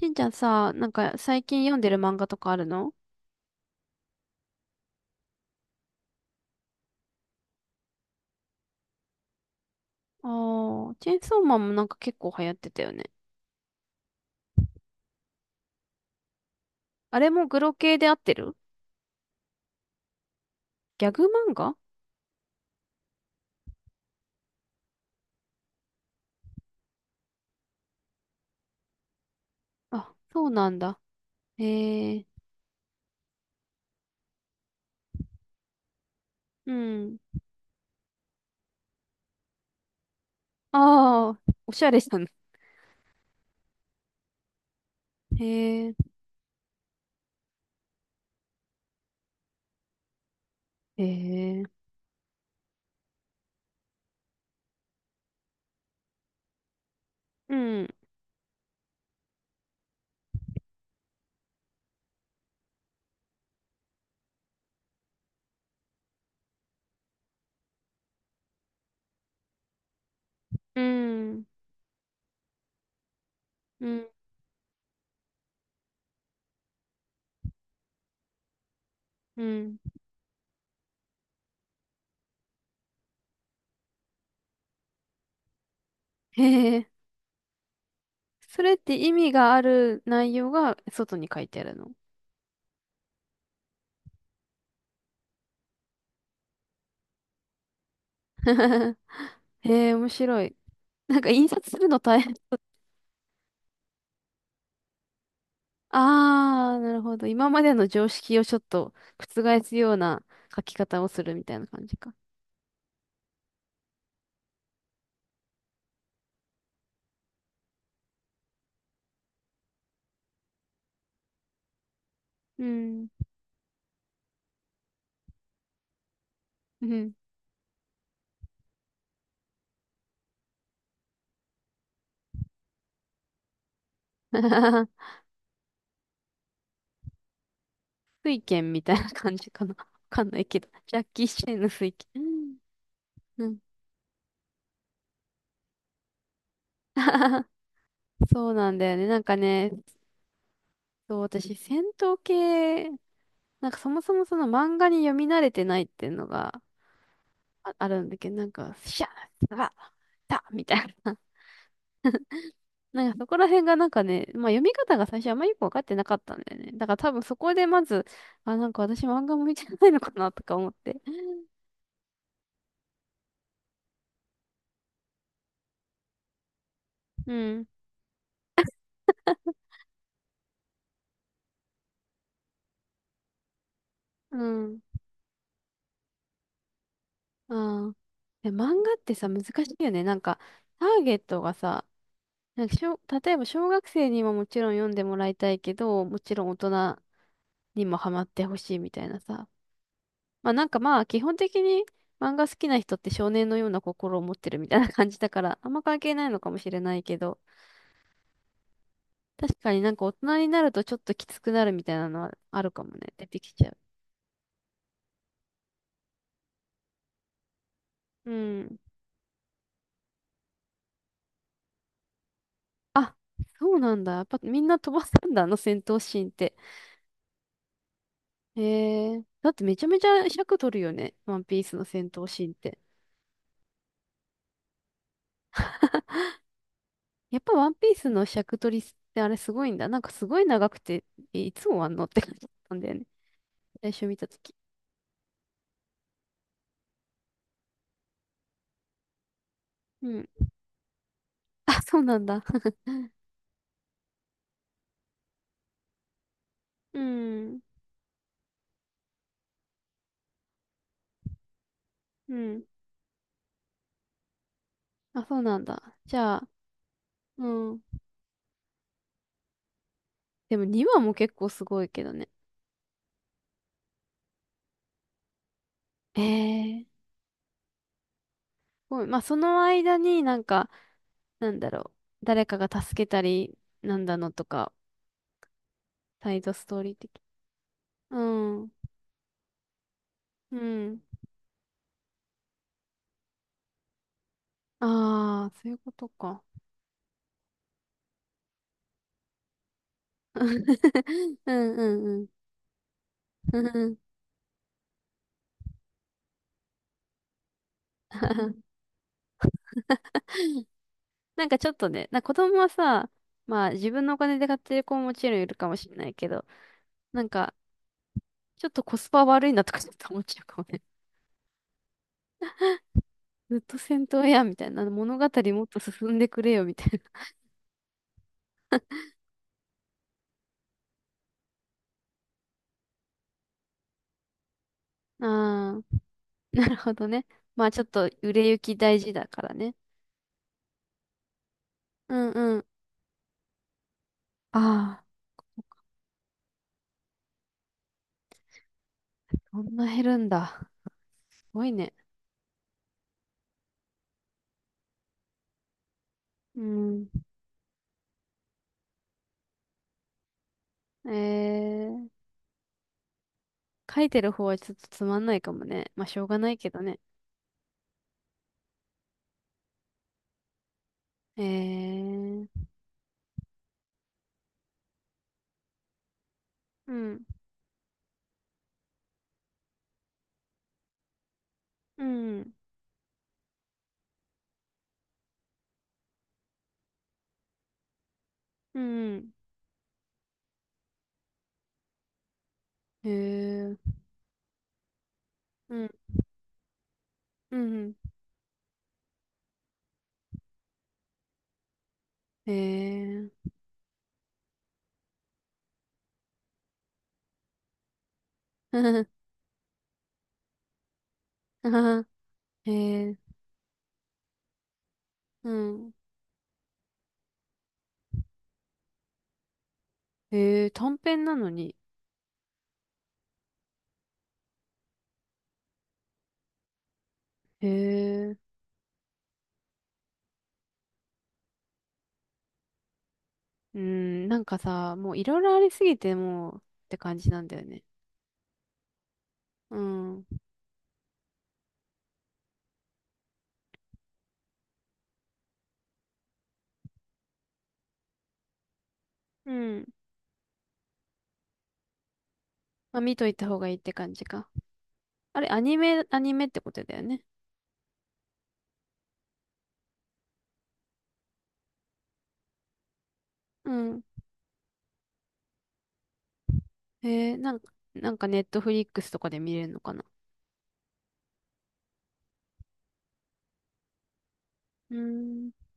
しんちゃんさ、なんか最近読んでる漫画とかあるの？ああー、チェーンソーマンもなんか結構流行ってたよね。あれもグロ系で合ってる？ギャグ漫画？あ、そうなんだ。へえ。うん。ああ、おしゃれしたね。へえ。へえ。うん。うん。うん。うん。へえ。それって意味がある内容が外に書いてあるの？ へえ、面白い。なんか印刷するの大変。ああ、なるほど。今までの常識をちょっと覆すような書き方をするみたいな感じか。うん。うん。イケンみたいな感じかな。わかんないけど。ジャッキー・チェンの水県。うん。そうなんだよね。なんかね、そう、私、戦闘系、なんかそもそもその漫画に読み慣れてないっていうのがあるんだけど、なんか、シャッ、ザッ、タッみたいな。なんかそこら辺がなんかね、まあ読み方が最初あんまりよくわかってなかったんだよね。だから多分そこでまず、あ、なんか私漫画向いてないのかなとか思って。うん。うん。ああ。で、漫画ってさ、難しいよね。なんか、ターゲットがさ、なんかしょ、例えば小学生にももちろん読んでもらいたいけど、もちろん大人にもハマってほしいみたいなさ。まあなんかまあ、基本的に漫画好きな人って少年のような心を持ってるみたいな感じだから、あんま関係ないのかもしれないけど、確かになんか大人になるとちょっときつくなるみたいなのはあるかもね。出てきちゃう。うん。あ、そうなんだ。やっぱみんな飛ばすんだ、あの戦闘シーンって。へえ。だってめちゃめちゃ尺取るよね。ワンピースの戦闘シーンって。やっぱワンピースの尺取りってあれすごいんだ。なんかすごい長くて、えいつ終わんのって感じだったんだよね。最初見たとき。うん。あ、そうなんだ。うん。うん。あ、そうなんだ。じゃあ、うん。でも2話も結構すごいけどね。ええごいまあ、その間になんか、なんだろう。誰かが助けたり、なんだのとか、サイドストーリー的。うん。うん。ああ、そういうことか。うんうんうん。うん。 なんかちょっとね、な子供はさ、まあ自分のお金で買ってる子ももちろんいるかもしれないけど、なんかちょっとコスパ悪いなとかちょっと思っちゃうかもね。ずっと戦闘やみたいな、物語もっと進んでくれよみたいな。ああ。なるほどね。まあちょっと売れ行き大事だからね。うんうん。ああ、そんな減るんだ。すごいね。うん。えー、書いてる方はちょっとつまんないかもね。まあしょうがないけどね。えー。うん。うん。うん。えー。うん。うん。えー。ふふ。あはは。えー。うん。えー、短編なのに。えー。うん、なんかさ、もういろいろありすぎてもうって感じなんだよね。うん。うん。まあ、見といた方がいいって感じか。あれ、アニメ、アニメってことだよね。うん。えー、なんか、なんかネットフリックスとかで見れるのかな。うーん。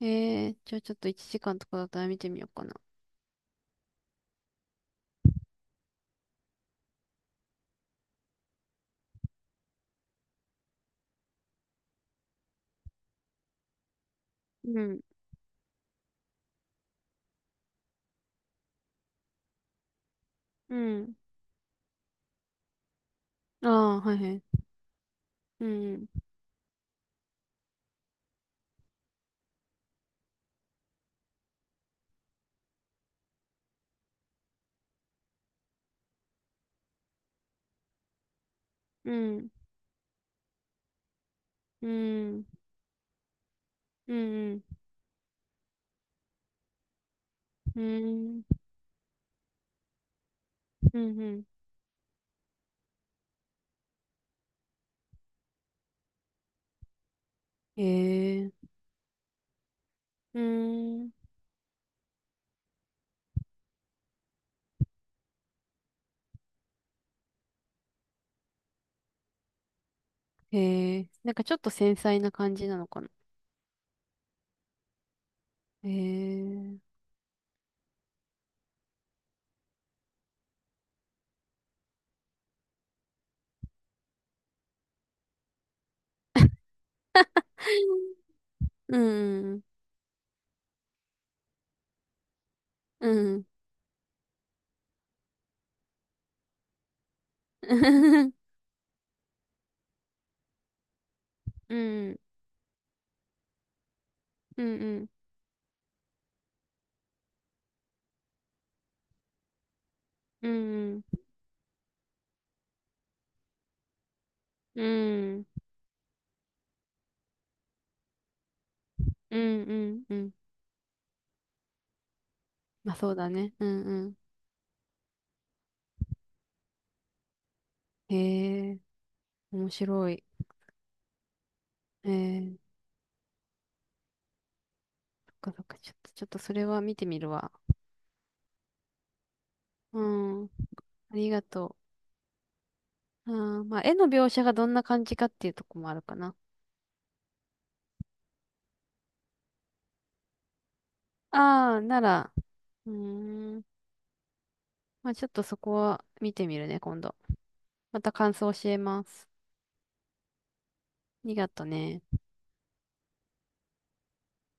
えー、じゃあちょっと1時間とかだったら見てみようかな。うん。うん。ああ、はいはい。うん。うん。うん。うん。うん。うん。うん。えー。うん。えー。なんかちょっと繊細な感じなのかな。えー。うん。うん。うん。うんうんうん。うんうん。うんうんうん。まあそうだね。うんうん。へえ、面白い。えー、そっかそっか。ちょっと、ちょっとそれは見てみるわ。うん。ありがとう。うん。まあ絵の描写がどんな感じかっていうとこもあるかな。ああ、なら、うーん。まあちょっとそこは見てみるね、今度。また感想教えます。ありがとね。